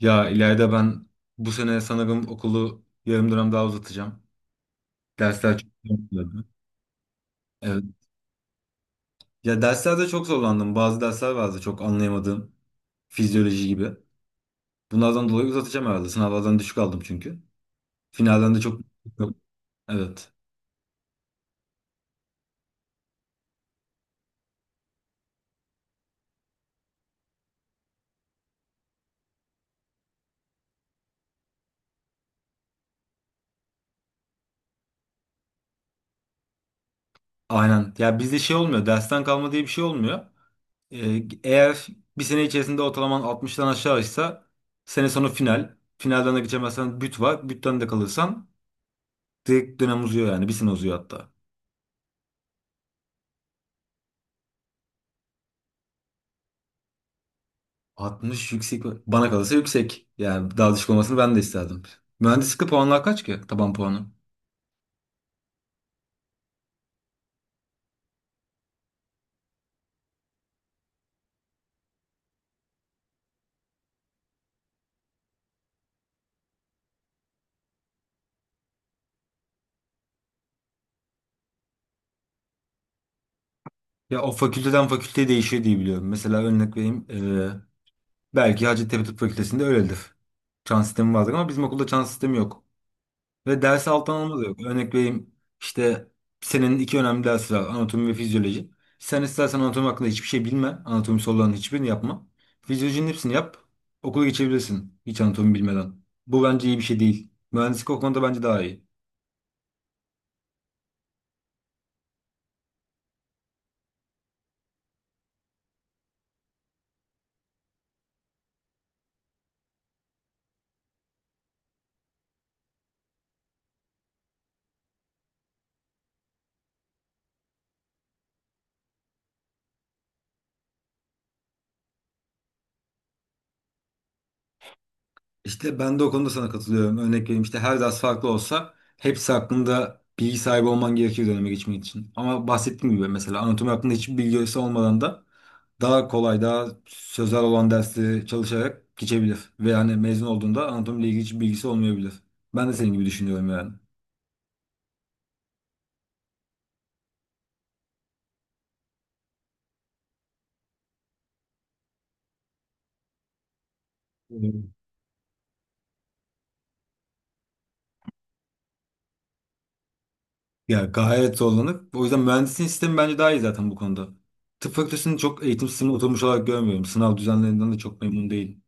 Ya ileride ben bu sene sanırım okulu yarım dönem daha uzatacağım. Dersler çok zorlandı. Evet. Ya derslerde çok zorlandım. Bazı dersler vardı çok anlayamadığım. Fizyoloji gibi. Bunlardan dolayı uzatacağım herhalde. Sınavlardan düşük aldım çünkü. Finalden de çok... Yok. Evet. Aynen. Ya bizde şey olmuyor. Dersten kalma diye bir şey olmuyor. Eğer bir sene içerisinde ortalaman 60'tan aşağıysa sene sonu final. Finalden de geçemezsen büt var. Bütten de kalırsan direkt dönem uzuyor yani. Bir sene uzuyor hatta. 60 yüksek mi? Bana kalırsa yüksek. Yani daha düşük olmasını ben de isterdim. Mühendislikte puanlar kaç ki? Taban puanı. Ya o fakülteden fakülteye değişiyor diye biliyorum. Mesela örnek vereyim. Belki Hacettepe Tıp Fakültesi'nde öyledir. Çan sistemi vardır ama bizim okulda çan sistemi yok. Ve ders alttan alma da yok. Örnek vereyim işte senin iki önemli dersi var. Anatomi ve fizyoloji. Sen istersen anatomi hakkında hiçbir şey bilme. Anatomi sorularının hiçbirini yapma. Fizyolojinin hepsini yap. Okula geçebilirsin hiç anatomi bilmeden. Bu bence iyi bir şey değil. Mühendislik o konuda bence daha iyi. İşte ben de o konuda sana katılıyorum. Örnek vereyim işte her ders farklı olsa hepsi hakkında bilgi sahibi olman gerekir döneme geçmek için. Ama bahsettiğim gibi mesela anatomi hakkında hiçbir bilgisi olmadan da daha kolay, daha sözel olan dersleri çalışarak geçebilir. Ve yani mezun olduğunda anatomiyle ilgili hiçbir bilgisi olmayabilir. Ben de senin gibi düşünüyorum yani. Hmm. Ya gayet zorlanır. O yüzden mühendisliğin sistemi bence daha iyi zaten bu konuda. Tıp fakültesini çok eğitim sistemi oturmuş olarak görmüyorum. Sınav düzenlerinden de çok memnun değilim.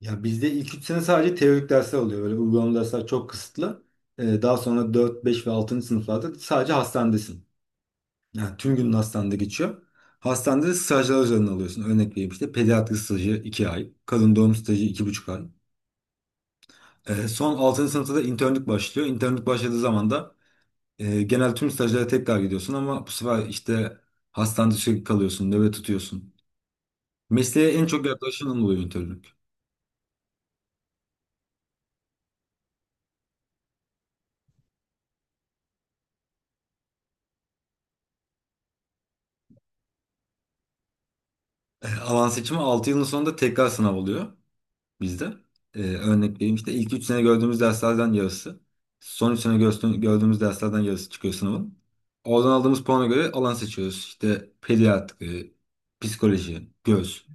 Ya bizde ilk 3 sene sadece teorik dersler oluyor. Böyle uygulamalı dersler çok kısıtlı. Daha sonra 4, 5 ve 6. sınıflarda sadece hastanedesin. Yani tüm günün hastanede geçiyor. Hastanede de stajlar üzerine alıyorsun. Örnek vereyim işte pediatri stajı 2 ay. Kadın doğum stajı iki buçuk ay. Son altıncı sınıfta da internlik başlıyor. İnternlik başladığı zaman da genel tüm stajlara tekrar gidiyorsun. Ama bu sefer işte hastanede sürekli kalıyorsun. Nöbet tutuyorsun. Mesleğe en çok yaklaşan oluyor internlik. Alan seçimi 6 yılın sonunda tekrar sınav oluyor bizde. Örnek vereyim işte ilk 3 sene gördüğümüz derslerden yarısı. Son 3 sene gördüğümüz, derslerden yarısı çıkıyor sınavın. Oradan aldığımız puana göre alan seçiyoruz. İşte pediatri, psikoloji, göz.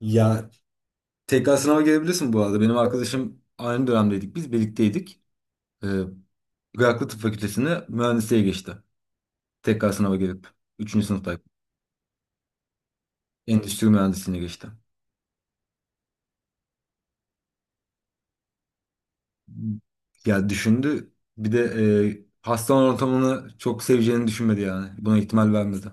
Ya tekrar sınava girebilirsin bu arada. Benim arkadaşım aynı dönemdeydik. Biz birlikteydik. Ee, Iraklı Tıp Fakültesi'ne mühendisliğe geçti. Tekrar sınava girip üçüncü sınıftayken. Endüstri mühendisliğine geçti. Ya düşündü. Bir de hastane ortamını çok seveceğini düşünmedi yani. Buna ihtimal vermedi.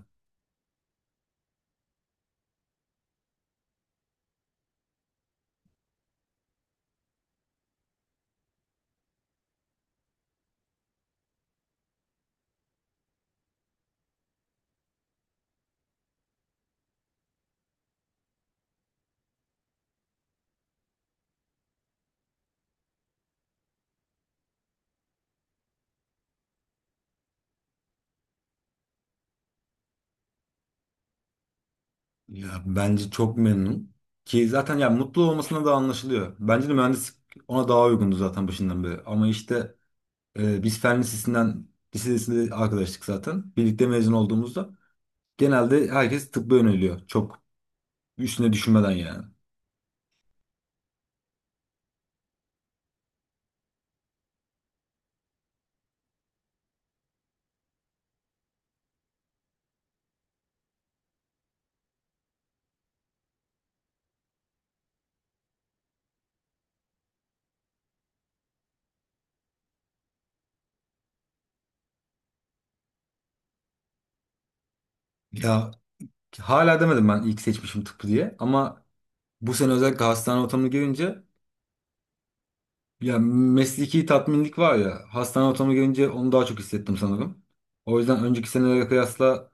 Ya bence çok memnun. Ki zaten ya mutlu olmasına da anlaşılıyor. Bence de mühendislik ona daha uygundu zaten başından beri. Ama işte biz fen lisesinden lisesinde arkadaştık zaten. Birlikte mezun olduğumuzda genelde herkes tıbba yöneliyor. Çok üstüne düşünmeden yani. Ya hala demedim ben ilk seçmişim tıpı diye ama bu sene özellikle hastane ortamını görünce ya mesleki tatminlik var ya hastane ortamını görünce onu daha çok hissettim sanırım. O yüzden önceki senelere kıyasla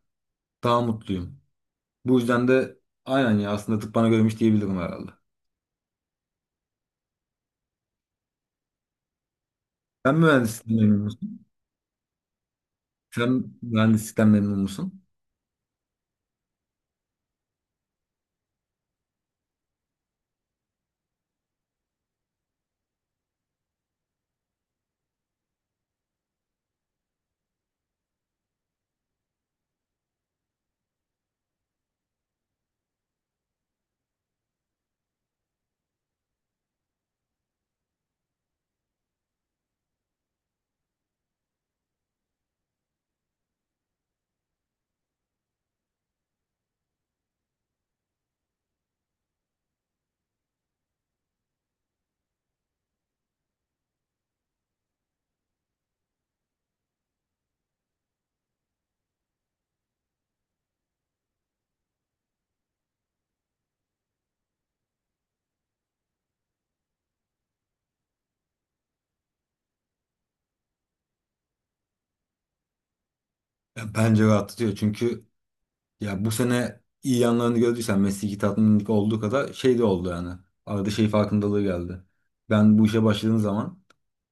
daha mutluyum. Bu yüzden de aynen ya aslında tıp bana görmüş diyebilirim herhalde. Sen mühendislikten memnun musun? Sen mühendislikten memnun musun? Ya bence rahatlatıyor çünkü ya bu sene iyi yanlarını gördüysen mesleki tatminlik olduğu kadar şey de oldu yani. Arada şey farkındalığı geldi. Ben bu işe başladığım zaman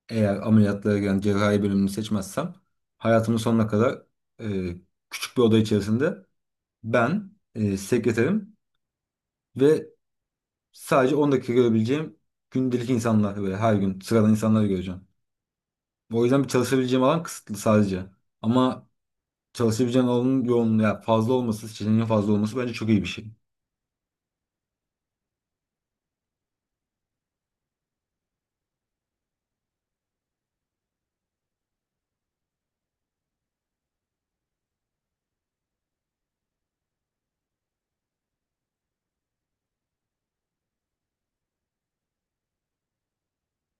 eğer ameliyatlara giren cerrahi bölümünü seçmezsem hayatımın sonuna kadar e, küçük bir oda içerisinde ben sekreterim ve sadece 10 dakika görebileceğim gündelik insanlar böyle her gün sıradan insanları göreceğim. O yüzden bir çalışabileceğim alan kısıtlı sadece. Ama çalışabileceğim alanın yoğunluğu ya fazla olması, seçeneğin fazla olması bence çok iyi bir şey.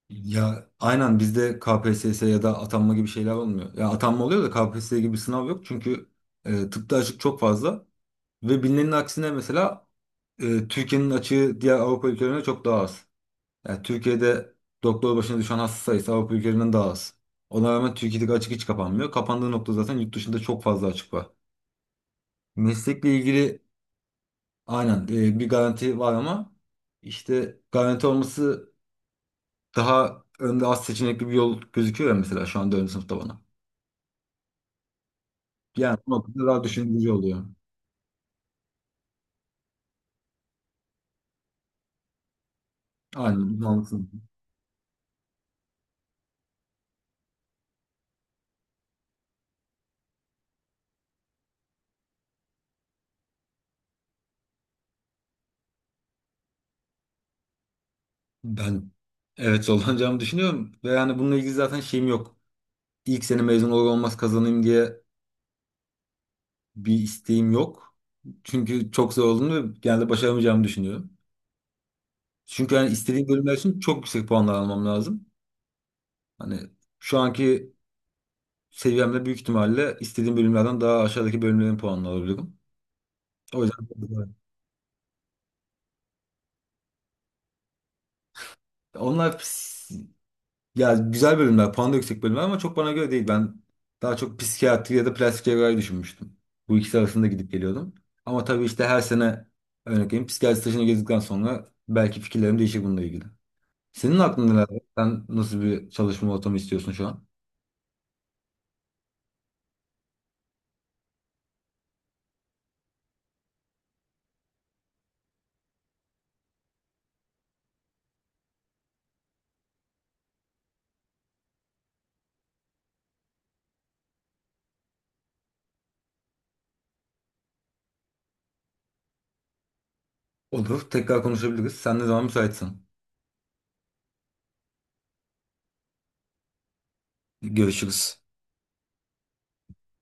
Ya aynen bizde KPSS ya da atanma gibi şeyler olmuyor. Ya atanma oluyor da KPSS gibi bir sınav yok çünkü tıpta açık çok fazla. Ve bilinenin aksine mesela Türkiye'nin açığı diğer Avrupa ülkelerine çok daha az. Yani Türkiye'de doktor başına düşen hasta sayısı Avrupa ülkelerinden daha az. Ona rağmen Türkiye'deki açık hiç kapanmıyor. Kapandığı nokta zaten yurt dışında çok fazla açık var. Meslekle ilgili aynen bir garanti var ama işte garanti olması daha önde az seçenekli bir yol gözüküyor ya mesela şu an 4. sınıfta bana. Yani bu noktada daha düşündürücü oluyor. Aynen. Mantıklı. Ben evet zorlanacağımı düşünüyorum ve yani bununla ilgili zaten şeyim yok. İlk sene mezun olur olmaz kazanayım diye bir isteğim yok. Çünkü çok zor olduğunu ve genelde başaramayacağımı düşünüyorum. Çünkü yani istediğim bölümler için çok yüksek puanlar almam lazım. Hani şu anki seviyemde büyük ihtimalle istediğim bölümlerden daha aşağıdaki bölümlerin puanını alabilirim. O yüzden onlar ya güzel bölümler, puan da yüksek bölümler ama çok bana göre değil. Ben daha çok psikiyatri ya da plastik cerrahi düşünmüştüm. Bu ikisi arasında gidip geliyordum. Ama tabii işte her sene örnek vereyim psikiyatri stajını gezdikten sonra belki fikirlerim değişir bununla ilgili. Senin aklında neler var? Sen nasıl bir çalışma ortamı istiyorsun şu an? Olur, tekrar konuşabiliriz. Sen ne zaman müsaitsen. Görüşürüz.